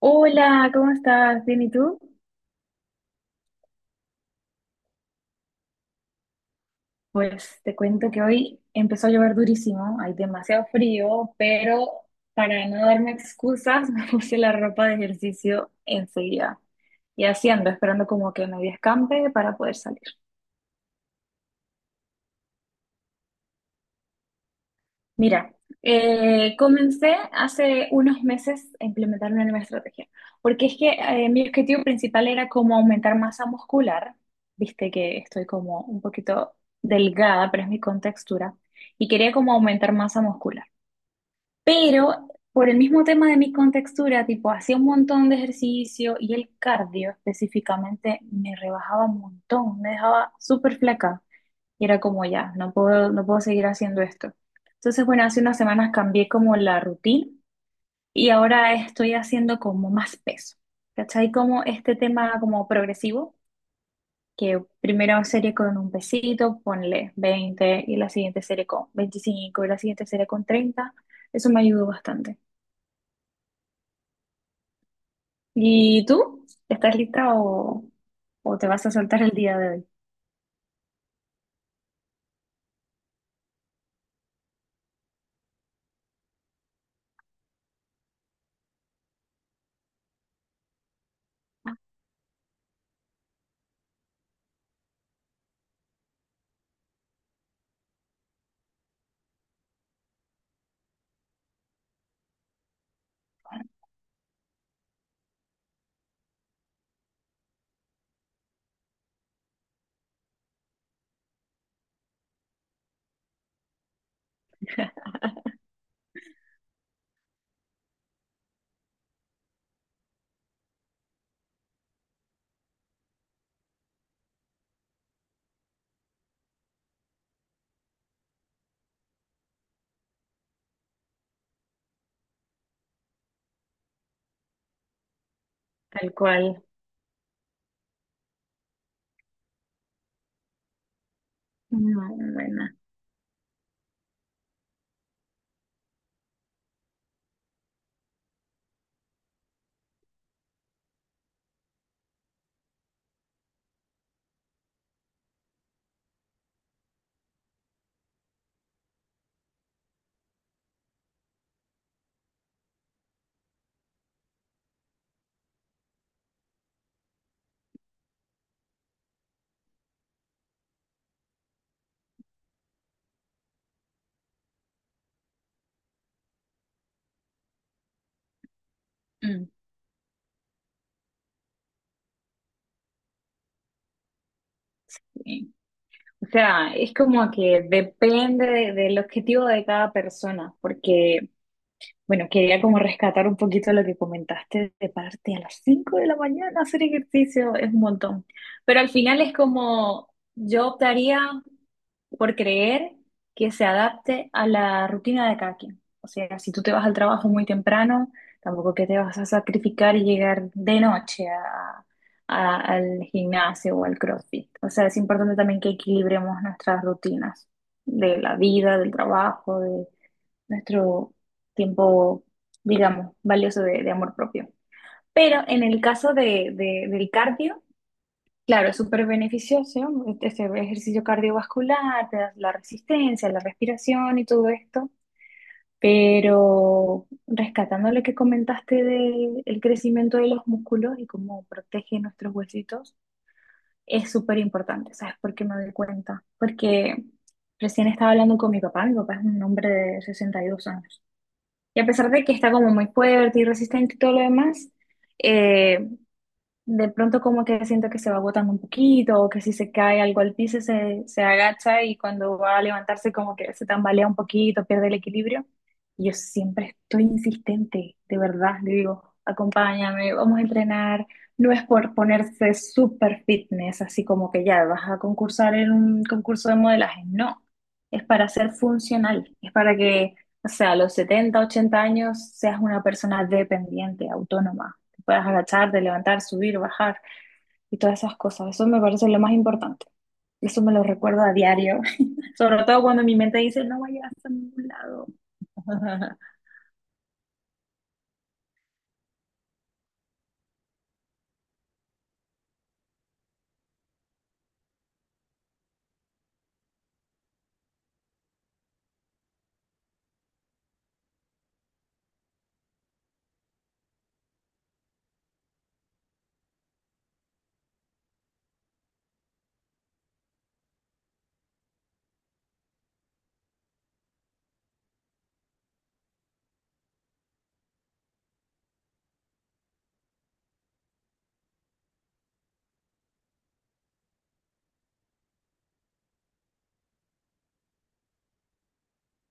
Hola, ¿cómo estás? ¿Bien y tú? Pues te cuento que hoy empezó a llover durísimo, hay demasiado frío, pero para no darme excusas me puse la ropa de ejercicio enseguida. Y así ando, esperando como que medio escampe para poder salir. Mira, comencé hace unos meses a implementar una nueva estrategia, porque es que mi objetivo principal era como aumentar masa muscular, viste que estoy como un poquito delgada, pero es mi contextura, y quería como aumentar masa muscular. Pero por el mismo tema de mi contextura, tipo, hacía un montón de ejercicio y el cardio específicamente me rebajaba un montón, me dejaba súper flaca. Y era como ya, no puedo, no puedo seguir haciendo esto. Entonces, bueno, hace unas semanas cambié como la rutina y ahora estoy haciendo como más peso. ¿Cachai? Como este tema como progresivo, que primero serie con un pesito, ponle 20 y la siguiente serie con 25 y la siguiente serie con 30. Eso me ayudó bastante. ¿Y tú? ¿Estás lista o te vas a soltar el día de hoy? Tal cual. Muy buena. Mm, sí. O sea, es como que depende del objetivo de cada persona, porque, bueno, quería como rescatar un poquito lo que comentaste de pararte a las 5 de la mañana a hacer ejercicio, es un montón. Pero al final es como, yo optaría por creer que se adapte a la rutina de cada quien. O sea, si tú te vas al trabajo muy temprano, tampoco que te vas a sacrificar y llegar de noche al gimnasio o al CrossFit. O sea, es importante también que equilibremos nuestras rutinas de la vida, del trabajo, de nuestro tiempo, digamos, valioso de amor propio. Pero en el caso de, del cardio, claro, es súper beneficioso, este ejercicio cardiovascular, te da la resistencia, la respiración y todo esto, pero rescatando lo que comentaste del crecimiento de los músculos y cómo protege nuestros huesitos, es súper importante, ¿sabes por qué me doy cuenta? Porque recién estaba hablando con mi papá es un hombre de 62 años, y a pesar de que está como muy fuerte y resistente y todo lo demás, eh, de pronto como que siento que se va agotando un poquito, o que si se cae algo al piso se, se agacha y cuando va a levantarse como que se tambalea un poquito, pierde el equilibrio. Y yo siempre estoy insistente, de verdad, le digo, acompáñame, vamos a entrenar. No es por ponerse super fitness, así como que ya vas a concursar en un concurso de modelaje, no. Es para ser funcional, es para que, o sea, a los 70 80 años seas una persona dependiente, autónoma, puedas agacharte, levantar, subir, bajar y todas esas cosas. Eso me parece lo más importante. Eso me lo recuerdo a diario, sobre todo cuando mi mente dice, no vayas a ningún lado.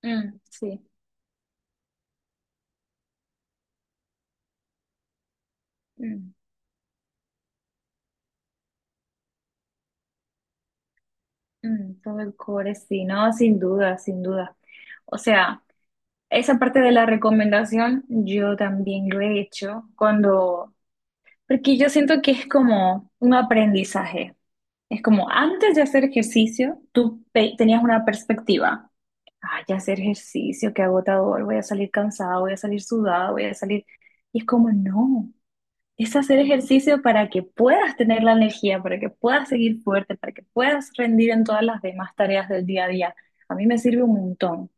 Mm, sí. Mm, todo el core, sí, no, sin duda, sin duda. O sea, esa parte de la recomendación yo también lo he hecho cuando, porque yo siento que es como un aprendizaje. Es como antes de hacer ejercicio, tú tenías una perspectiva. Ay, ya hacer ejercicio, qué agotador, voy a salir cansada, voy a salir sudada, voy a salir. Y es como, no, es hacer ejercicio para que puedas tener la energía, para que puedas seguir fuerte, para que puedas rendir en todas las demás tareas del día a día. A mí me sirve un montón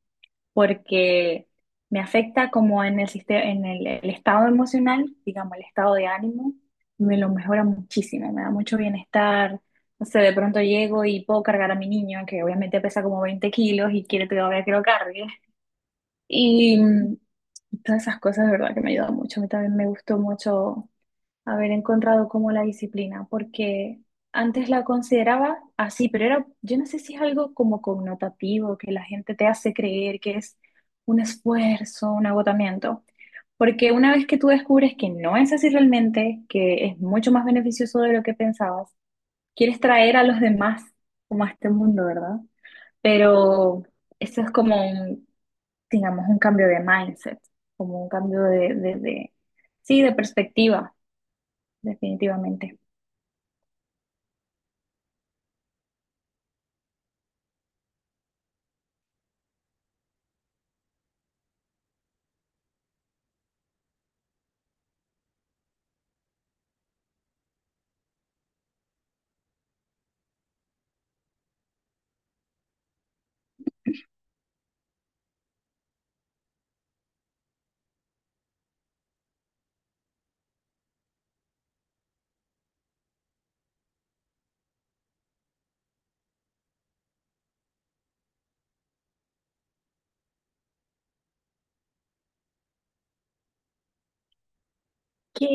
porque me afecta como en el sistema, en el estado emocional, digamos, el estado de ánimo, me lo mejora muchísimo, me da mucho bienestar. No sé, de pronto llego y puedo cargar a mi niño, que obviamente pesa como 20 kilos y quiere todavía que lo cargue. Y mm, todas esas cosas, de verdad, que me ayudan mucho. A mí también me gustó mucho haber encontrado como la disciplina, porque antes la consideraba así, pero era, yo no sé si es algo como connotativo, que la gente te hace creer que es un esfuerzo, un agotamiento. Porque una vez que tú descubres que no es así realmente, que es mucho más beneficioso de lo que pensabas, quieres traer a los demás como a este mundo, ¿verdad? Pero eso es como un, digamos, un cambio de mindset, como un cambio sí, de perspectiva definitivamente. ¿Qué?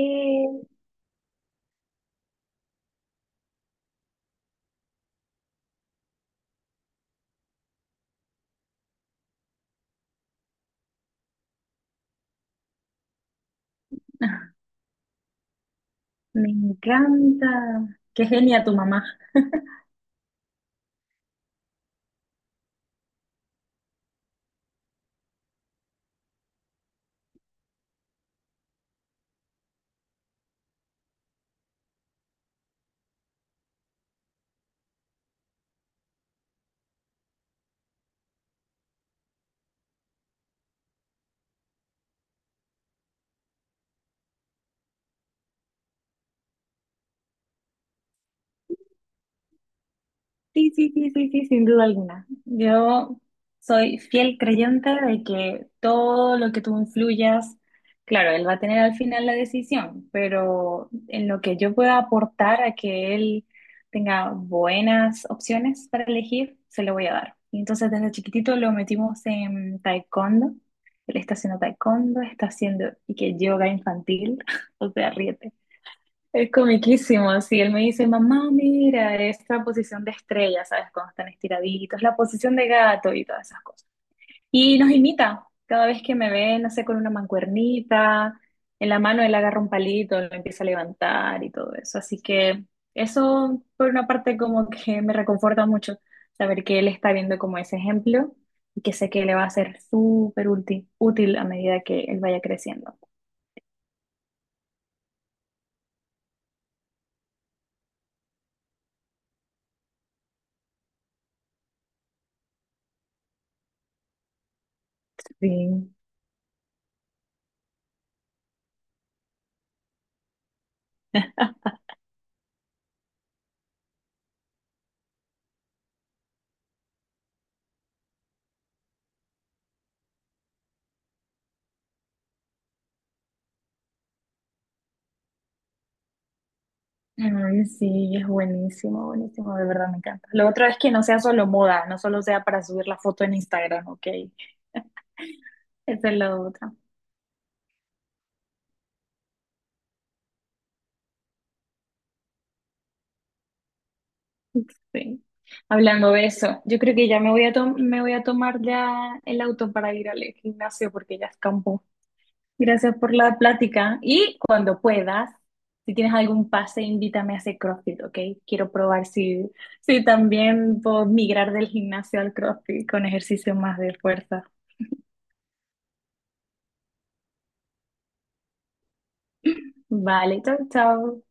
Ah, me encanta. Qué genia tu mamá. Sí, sí, sí, sí, sí, sin duda alguna. Yo soy fiel creyente de que todo lo que tú influyas, claro, él va a tener al final la decisión, pero en lo que yo pueda aportar a que él tenga buenas opciones para elegir, se lo voy a dar. Y entonces desde chiquitito lo metimos en taekwondo. Él está haciendo taekwondo, está haciendo y que yoga infantil, o sea, ríete. Es comiquísimo, sí. Él me dice, mamá, mira, esta posición de estrella, ¿sabes? Cuando están estiraditos, la posición de gato y todas esas cosas. Y nos imita. Cada vez que me ve, no sé, con una mancuernita, en la mano él agarra un palito, lo empieza a levantar y todo eso. Así que eso, por una parte, como que me reconforta mucho saber que él está viendo como ese ejemplo y que sé que le va a ser súper útil, útil a medida que él vaya creciendo. Sí. Ay, sí, es buenísimo, buenísimo, de verdad me encanta. Lo otro es que no sea solo moda, no solo sea para subir la foto en Instagram, ok. Esa es la otra. Sí. Hablando de eso, yo creo que ya me voy me voy a tomar ya el auto para ir al gimnasio porque ya escampó. Gracias por la plática y cuando puedas, si tienes algún pase, invítame a hacer CrossFit, ok. Quiero probar si, si también puedo migrar del gimnasio al CrossFit con ejercicio más de fuerza. Vale, chao, chao.